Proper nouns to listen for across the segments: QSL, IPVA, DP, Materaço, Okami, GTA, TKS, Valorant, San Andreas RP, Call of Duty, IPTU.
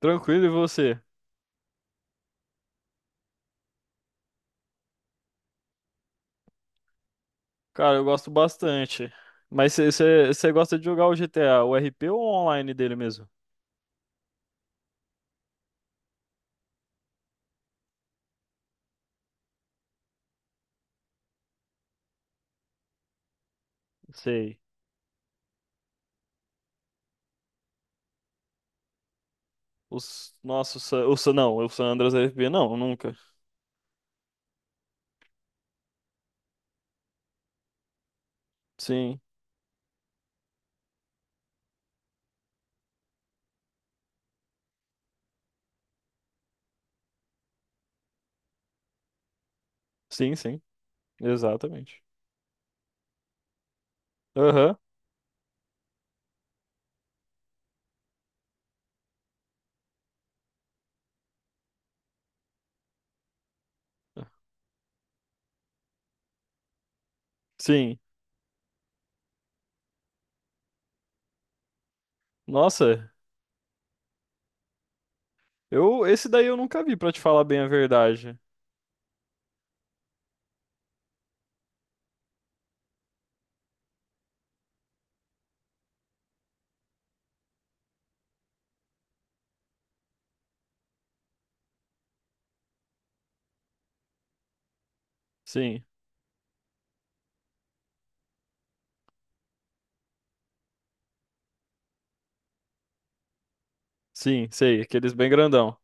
Tranquilo, e você? Cara, eu gosto bastante. Mas você gosta de jogar o GTA, o RP ou o online dele mesmo? Sei. Os nossos. Não, o San Andreas RP, não, nunca. Sim, sim, sim. Exatamente. Aham. Sim. Nossa, eu esse daí eu nunca vi, pra te falar bem a verdade. Sim, sim, sei, aqueles bem grandão.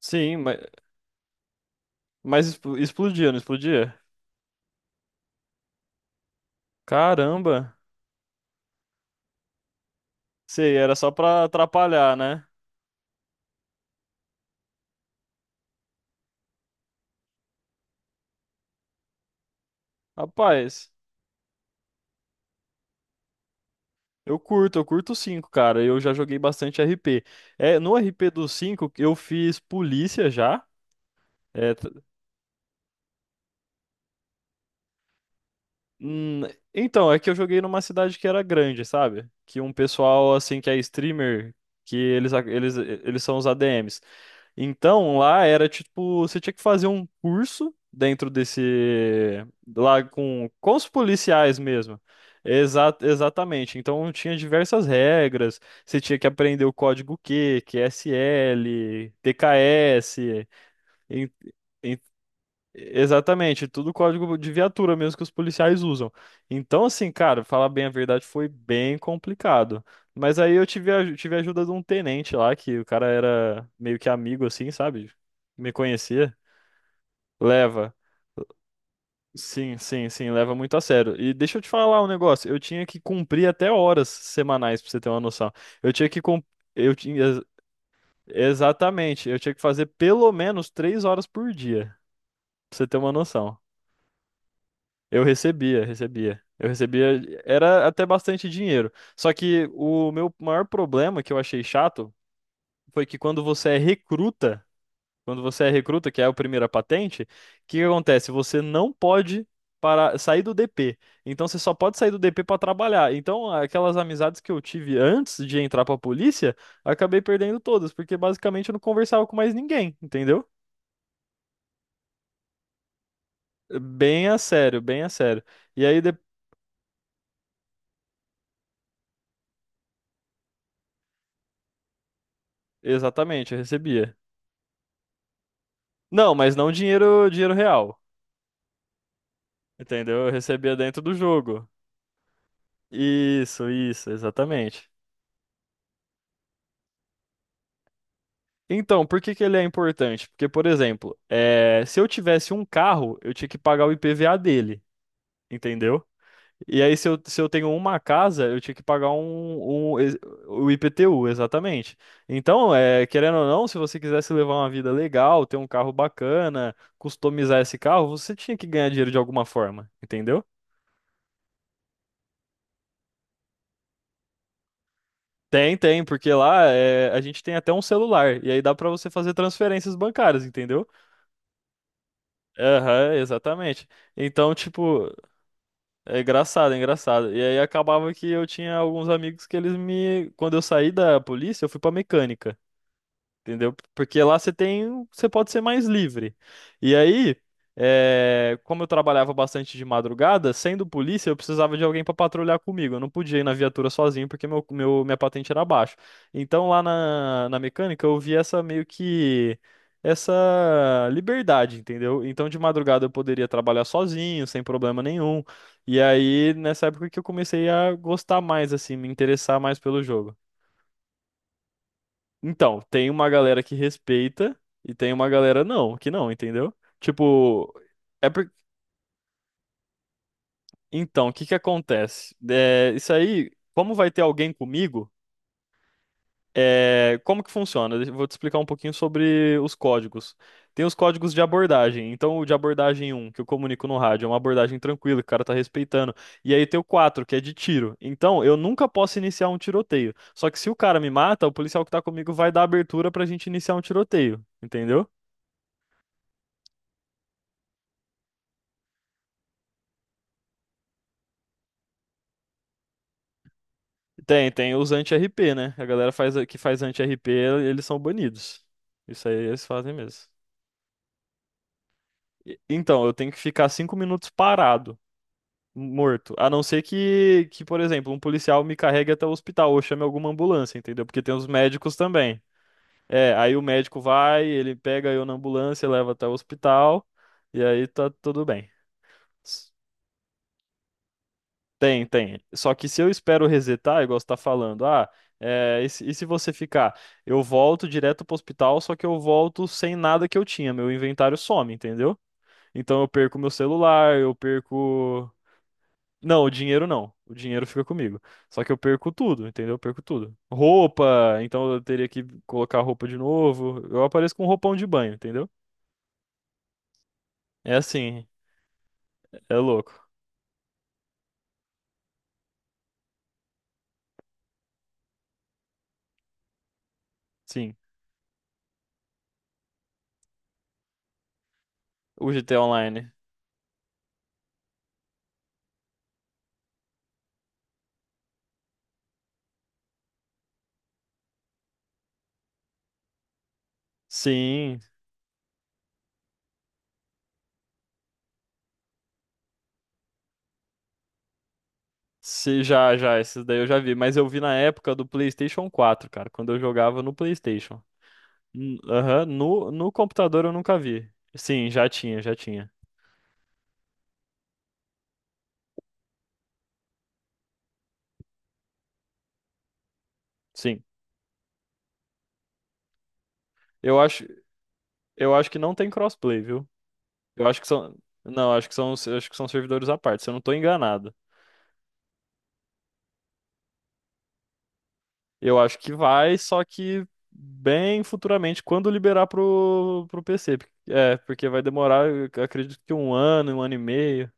Sim, mas explodia, não explodia? Caramba. Sei, era só pra atrapalhar, né? Rapaz. Eu curto o 5, cara. Eu já joguei bastante RP. É, no RP do 5, eu fiz polícia já. É, Hum, então, é que eu joguei numa cidade que era grande, sabe? Que um pessoal, assim, que é streamer, que eles são os ADMs. Então, lá era tipo, você tinha que fazer um curso dentro desse. Lá com os policiais mesmo. Exatamente. Então, tinha diversas regras. Você tinha que aprender o código Q, QSL, TKS. En- Exatamente, tudo código de viatura mesmo que os policiais usam. Então, assim, cara, falar bem a verdade foi bem complicado. Mas aí eu tive a ajuda de um tenente lá, que o cara era meio que amigo, assim, sabe? Me conhecia. Leva. Sim, sim, sim, leva muito a sério. E deixa eu te falar um negócio, eu tinha que cumprir até horas semanais, pra você ter uma noção. Eu tinha que cum- eu tinha, exatamente, eu tinha que fazer pelo menos 3 horas por dia, pra você ter uma noção. Eu recebia, recebia. Eu recebia, era até bastante dinheiro. Só que o meu maior problema que eu achei chato foi que quando você é recruta, que é a primeira patente, o que que acontece? Você não pode para sair do DP. Então você só pode sair do DP para trabalhar. Então aquelas amizades que eu tive antes de entrar para a polícia, acabei perdendo todas, porque basicamente eu não conversava com mais ninguém, entendeu? Bem a sério, bem a sério. E aí de- Exatamente, eu recebia. Não, mas não dinheiro, dinheiro real, entendeu? Eu recebia dentro do jogo. Isso, exatamente. Então, por que que ele é importante? Porque, por exemplo, é, se eu tivesse um carro, eu tinha que pagar o IPVA dele, entendeu? E aí, se eu tenho uma casa, eu tinha que pagar o IPTU, exatamente. Então, é, querendo ou não, se você quisesse levar uma vida legal, ter um carro bacana, customizar esse carro, você tinha que ganhar dinheiro de alguma forma, entendeu? Tem, tem, porque lá é, a gente tem até um celular, e aí dá pra você fazer transferências bancárias, entendeu? Aham, exatamente. Então, tipo, é engraçado, é engraçado. E aí acabava que eu tinha alguns amigos que eles me. Quando eu saí da polícia, eu fui pra mecânica, entendeu? Porque lá você pode ser mais livre. E aí, é, como eu trabalhava bastante de madrugada, sendo polícia, eu precisava de alguém para patrulhar comigo. Eu não podia ir na viatura sozinho porque minha patente era baixa. Então lá na mecânica eu vi essa meio que essa liberdade, entendeu? Então de madrugada eu poderia trabalhar sozinho, sem problema nenhum. E aí nessa época que eu comecei a gostar mais assim, me interessar mais pelo jogo. Então, tem uma galera que respeita e tem uma galera não, que não, entendeu? Tipo, é por... então, o que que acontece? É, isso aí, como vai ter alguém comigo, é, como que funciona? Eu vou te explicar um pouquinho sobre os códigos. Tem os códigos de abordagem. Então, o de abordagem um que eu comunico no rádio, é uma abordagem tranquila, que o cara tá respeitando. E aí tem o 4 que é de tiro. Então, eu nunca posso iniciar um tiroteio. Só que se o cara me mata, o policial que tá comigo vai dar abertura pra gente iniciar um tiroteio, entendeu? Tem, tem os anti-RP, né? A galera que faz anti-RP, eles são banidos. Isso aí eles fazem mesmo. Então, eu tenho que ficar 5 minutos parado, morto. A não ser que, por exemplo, um policial me carregue até o hospital ou chame alguma ambulância, entendeu? Porque tem os médicos também. É, aí o médico vai, ele pega eu na ambulância, leva até o hospital, e aí tá tudo bem. Tem, tem. Só que se eu espero resetar, igual você tá falando, é, e se você ficar? Eu volto direto pro hospital, só que eu volto sem nada que eu tinha, meu inventário some, entendeu? Então eu perco meu celular, eu perco. Não, o dinheiro não. O dinheiro fica comigo. Só que eu perco tudo, entendeu? Eu perco tudo. Roupa, então eu teria que colocar roupa de novo. Eu apareço com um roupão de banho, entendeu? É assim, é louco. Sim. O GTA Online. Sim, Se, já, esses daí eu já vi, mas eu vi na época do PlayStation 4, cara, quando eu jogava no PlayStation. Aham, no computador eu nunca vi. Sim, já tinha, já tinha. Sim. Eu acho, eu acho que não tem crossplay, viu? Eu acho que são, não, acho que são servidores à parte, se eu não tô enganado. Eu acho que vai, só que bem futuramente, quando liberar pro PC. É, porque vai demorar, eu acredito que um ano e meio.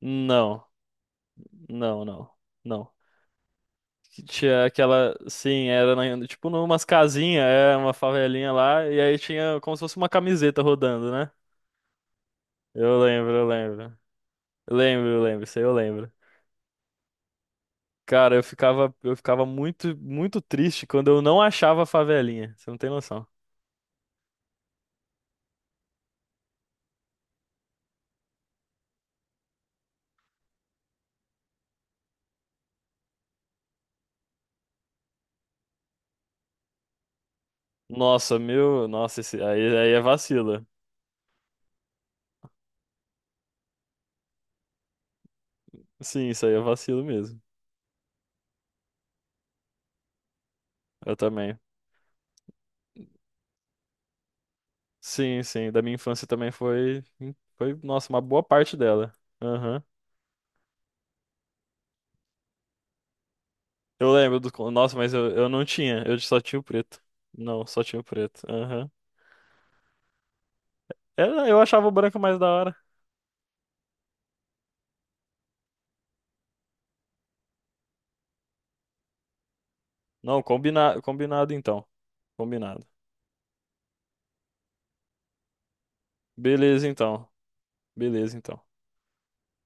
Não, não, não, não. Que tinha aquela, sim, era tipo numas casinhas, é uma favelinha lá, e aí tinha como se fosse uma camiseta rodando, né? Eu lembro, eu lembro. Lembro, eu lembro, isso aí eu lembro. Cara, eu ficava muito, muito triste quando eu não achava a favelinha. Você não tem noção. Nossa, meu, nossa, esse, aí, aí é vacilo. Sim, isso aí é vacilo mesmo. Eu também. Sim, sim, da minha infância também foi, nossa, uma boa parte dela. Aham. Eu lembro do. Nossa, mas eu não tinha. Eu só tinha o preto. Não, só tinha o preto. Aham. Eu achava o branco mais da hora. Não, combinado então. Combinado. Beleza então. Beleza então.